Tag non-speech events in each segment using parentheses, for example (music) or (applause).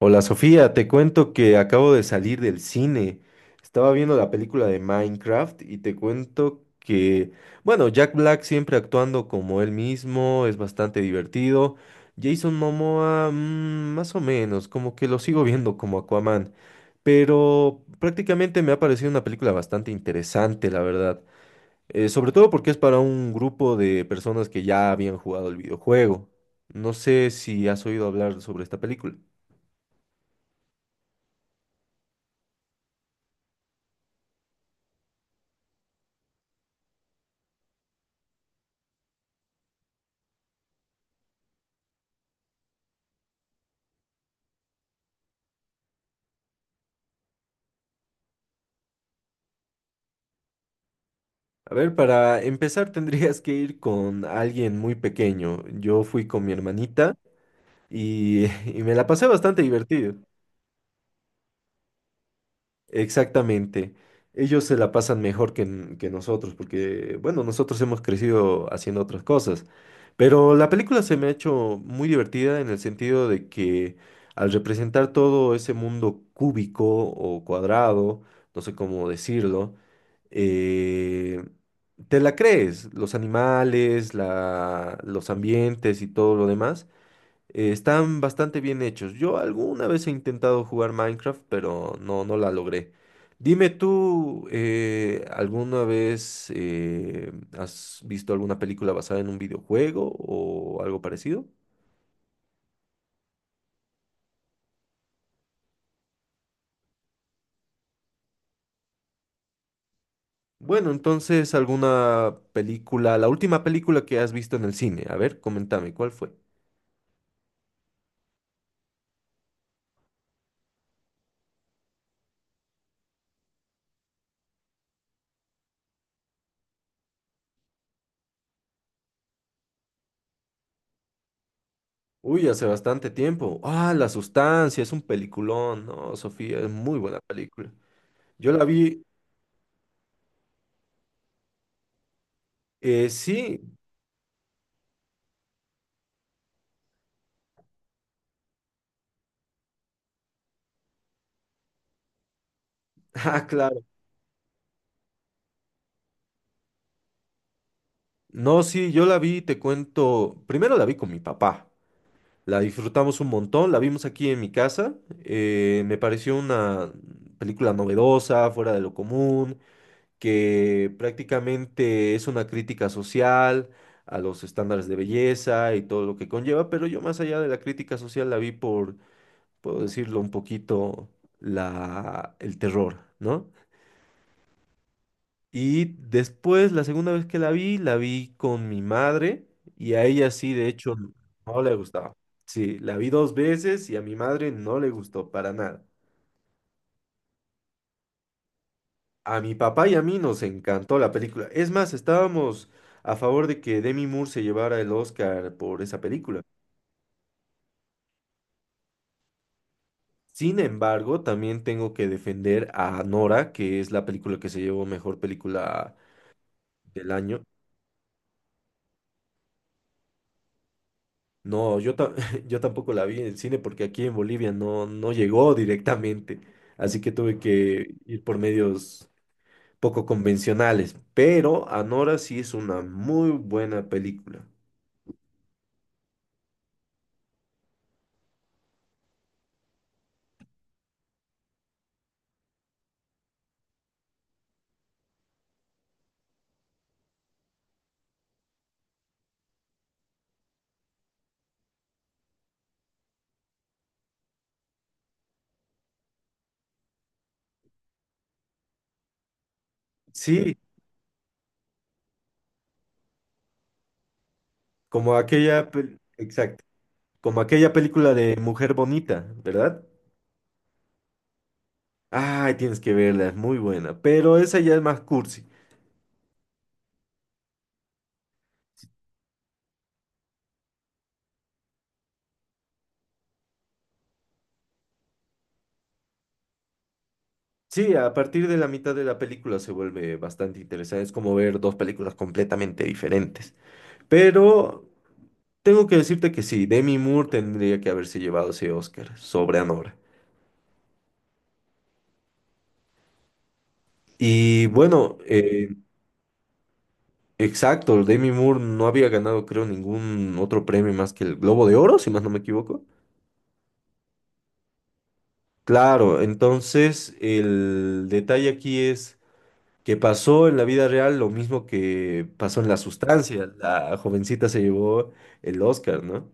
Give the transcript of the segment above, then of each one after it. Hola Sofía, te cuento que acabo de salir del cine. Estaba viendo la película de Minecraft y te cuento que, bueno, Jack Black siempre actuando como él mismo, es bastante divertido. Jason Momoa, mm, más o menos, como que lo sigo viendo como Aquaman, pero prácticamente me ha parecido una película bastante interesante, la verdad. Sobre todo porque es para un grupo de personas que ya habían jugado el videojuego. No sé si has oído hablar sobre esta película. A ver, para empezar tendrías que ir con alguien muy pequeño. Yo fui con mi hermanita y, (laughs) y me la pasé bastante divertido. Exactamente. Ellos se la pasan mejor que nosotros, porque, bueno, nosotros hemos crecido haciendo otras cosas. Pero la película se me ha hecho muy divertida en el sentido de que al representar todo ese mundo cúbico o cuadrado, no sé cómo decirlo, eh, te la crees, los animales, los ambientes y todo lo demás. Están bastante bien hechos. Yo alguna vez he intentado jugar Minecraft, pero no la logré. Dime tú, ¿alguna vez has visto alguna película basada en un videojuego o algo parecido? Bueno, entonces alguna película, la última película que has visto en el cine. A ver, coméntame, ¿cuál fue? Uy, hace bastante tiempo. Ah, La Sustancia, es un peliculón, ¿no? Sofía, es muy buena película. Yo la vi, sí, (laughs) ah, claro. No, sí, yo la vi, te cuento, primero la vi con mi papá, la disfrutamos un montón, la vimos aquí en mi casa, me pareció una película novedosa, fuera de lo común, que prácticamente es una crítica social a los estándares de belleza y todo lo que conlleva, pero yo más allá de la crítica social la vi por, puedo decirlo un poquito, el terror, ¿no? Y después, la segunda vez que la vi con mi madre y a ella sí, de hecho, no le gustaba. Sí, la vi dos veces y a mi madre no le gustó para nada. A mi papá y a mí nos encantó la película. Es más, estábamos a favor de que Demi Moore se llevara el Oscar por esa película. Sin embargo, también tengo que defender a Nora, que es la película que se llevó mejor película del año. No, yo, ta- (laughs) Yo tampoco la vi en el cine porque aquí en Bolivia no llegó directamente, así que tuve que ir por medios poco convencionales, pero Anora sí es una muy buena película. Sí, exacto, como aquella película de Mujer Bonita, ¿verdad? Ay, tienes que verla, es muy buena, pero esa ya es más cursi. Sí, a partir de la mitad de la película se vuelve bastante interesante, es como ver dos películas completamente diferentes. Pero tengo que decirte que sí, Demi Moore tendría que haberse llevado ese Oscar sobre Anora. Y bueno, exacto, Demi Moore no había ganado, creo, ningún otro premio más que el Globo de Oro, si más no me equivoco. Claro, entonces el detalle aquí es que pasó en la vida real lo mismo que pasó en La Sustancia. La jovencita se llevó el Oscar, ¿no?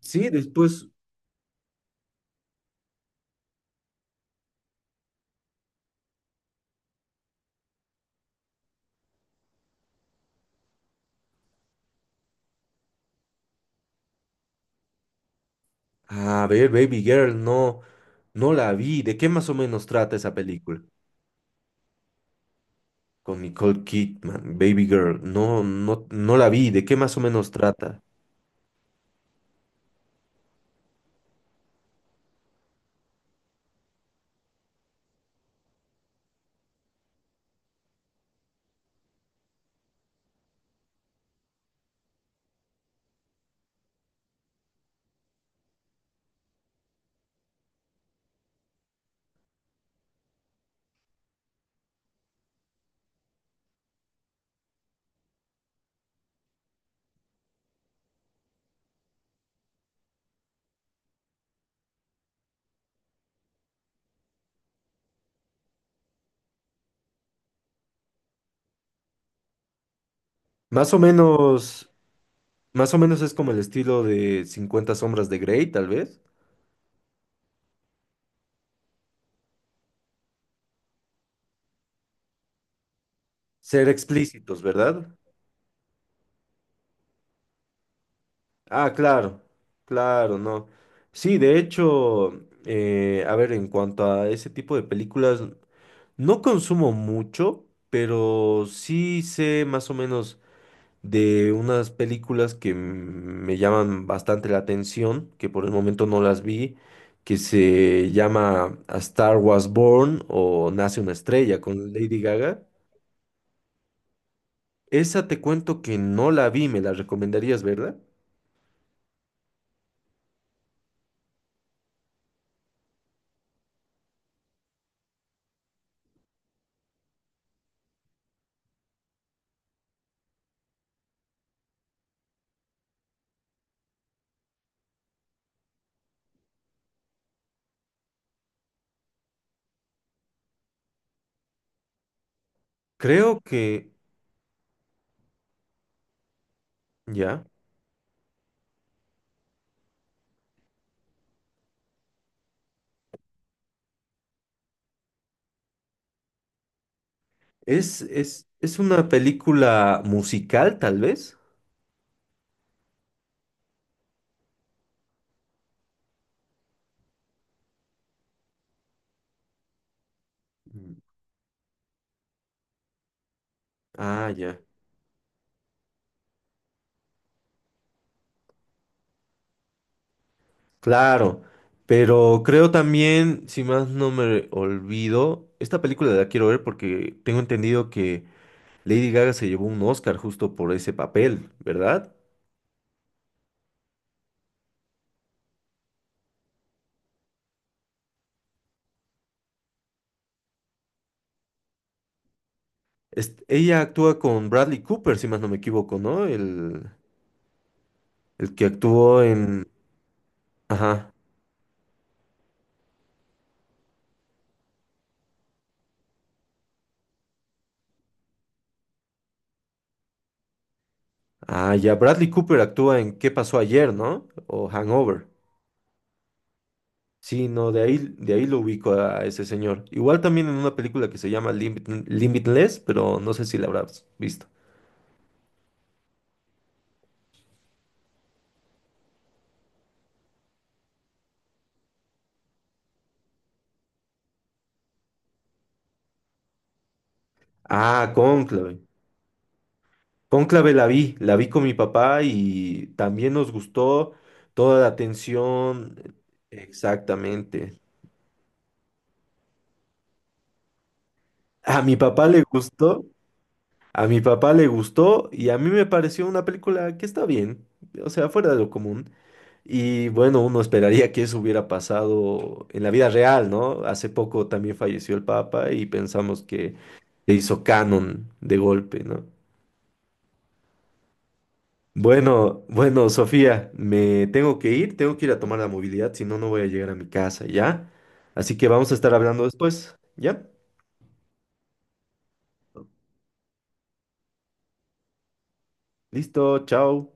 Sí, después a ver, Baby Girl, no la vi. ¿De qué más o menos trata esa película? Con Nicole Kidman, Baby Girl, no la vi. ¿De qué más o menos trata? Más o menos, más o menos es como el estilo de Cincuenta sombras de Grey, tal vez. Ser explícitos, ¿verdad? Ah, claro, claro, no. Sí, de hecho, a ver, en cuanto a ese tipo de películas, no consumo mucho, pero sí sé más o menos de unas películas que me llaman bastante la atención, que por el momento no las vi, que se llama A Star Was Born o Nace una estrella con Lady Gaga. Esa te cuento que no la vi, me la recomendarías, ¿verdad? Creo que ya. Es una película musical, tal vez. Mm. Ah, ya. Claro, pero creo también, si más no me olvido, esta película la quiero ver porque tengo entendido que Lady Gaga se llevó un Oscar justo por ese papel, ¿verdad? Ella actúa con Bradley Cooper, si más no me equivoco, ¿no? El que actuó en... Ajá. Ah, ya, Bradley Cooper actúa en ¿Qué pasó ayer, ¿no? O Hangover. Sí, no, de ahí lo ubico a ese señor. Igual también en una película que se llama Limitless, pero no sé si la habrás visto. Ah, Cónclave. Cónclave la vi con mi papá y también nos gustó toda la tensión. Exactamente. A mi papá le gustó, a mi papá le gustó y a mí me pareció una película que está bien, o sea, fuera de lo común. Y bueno, uno esperaría que eso hubiera pasado en la vida real, ¿no? Hace poco también falleció el Papa y pensamos que se hizo canon de golpe, ¿no? Bueno, bueno, Sofía, me tengo que ir a tomar la movilidad, si no, no voy a llegar a mi casa, ¿ya? Así que vamos a estar hablando después, ¿ya? Listo, chao.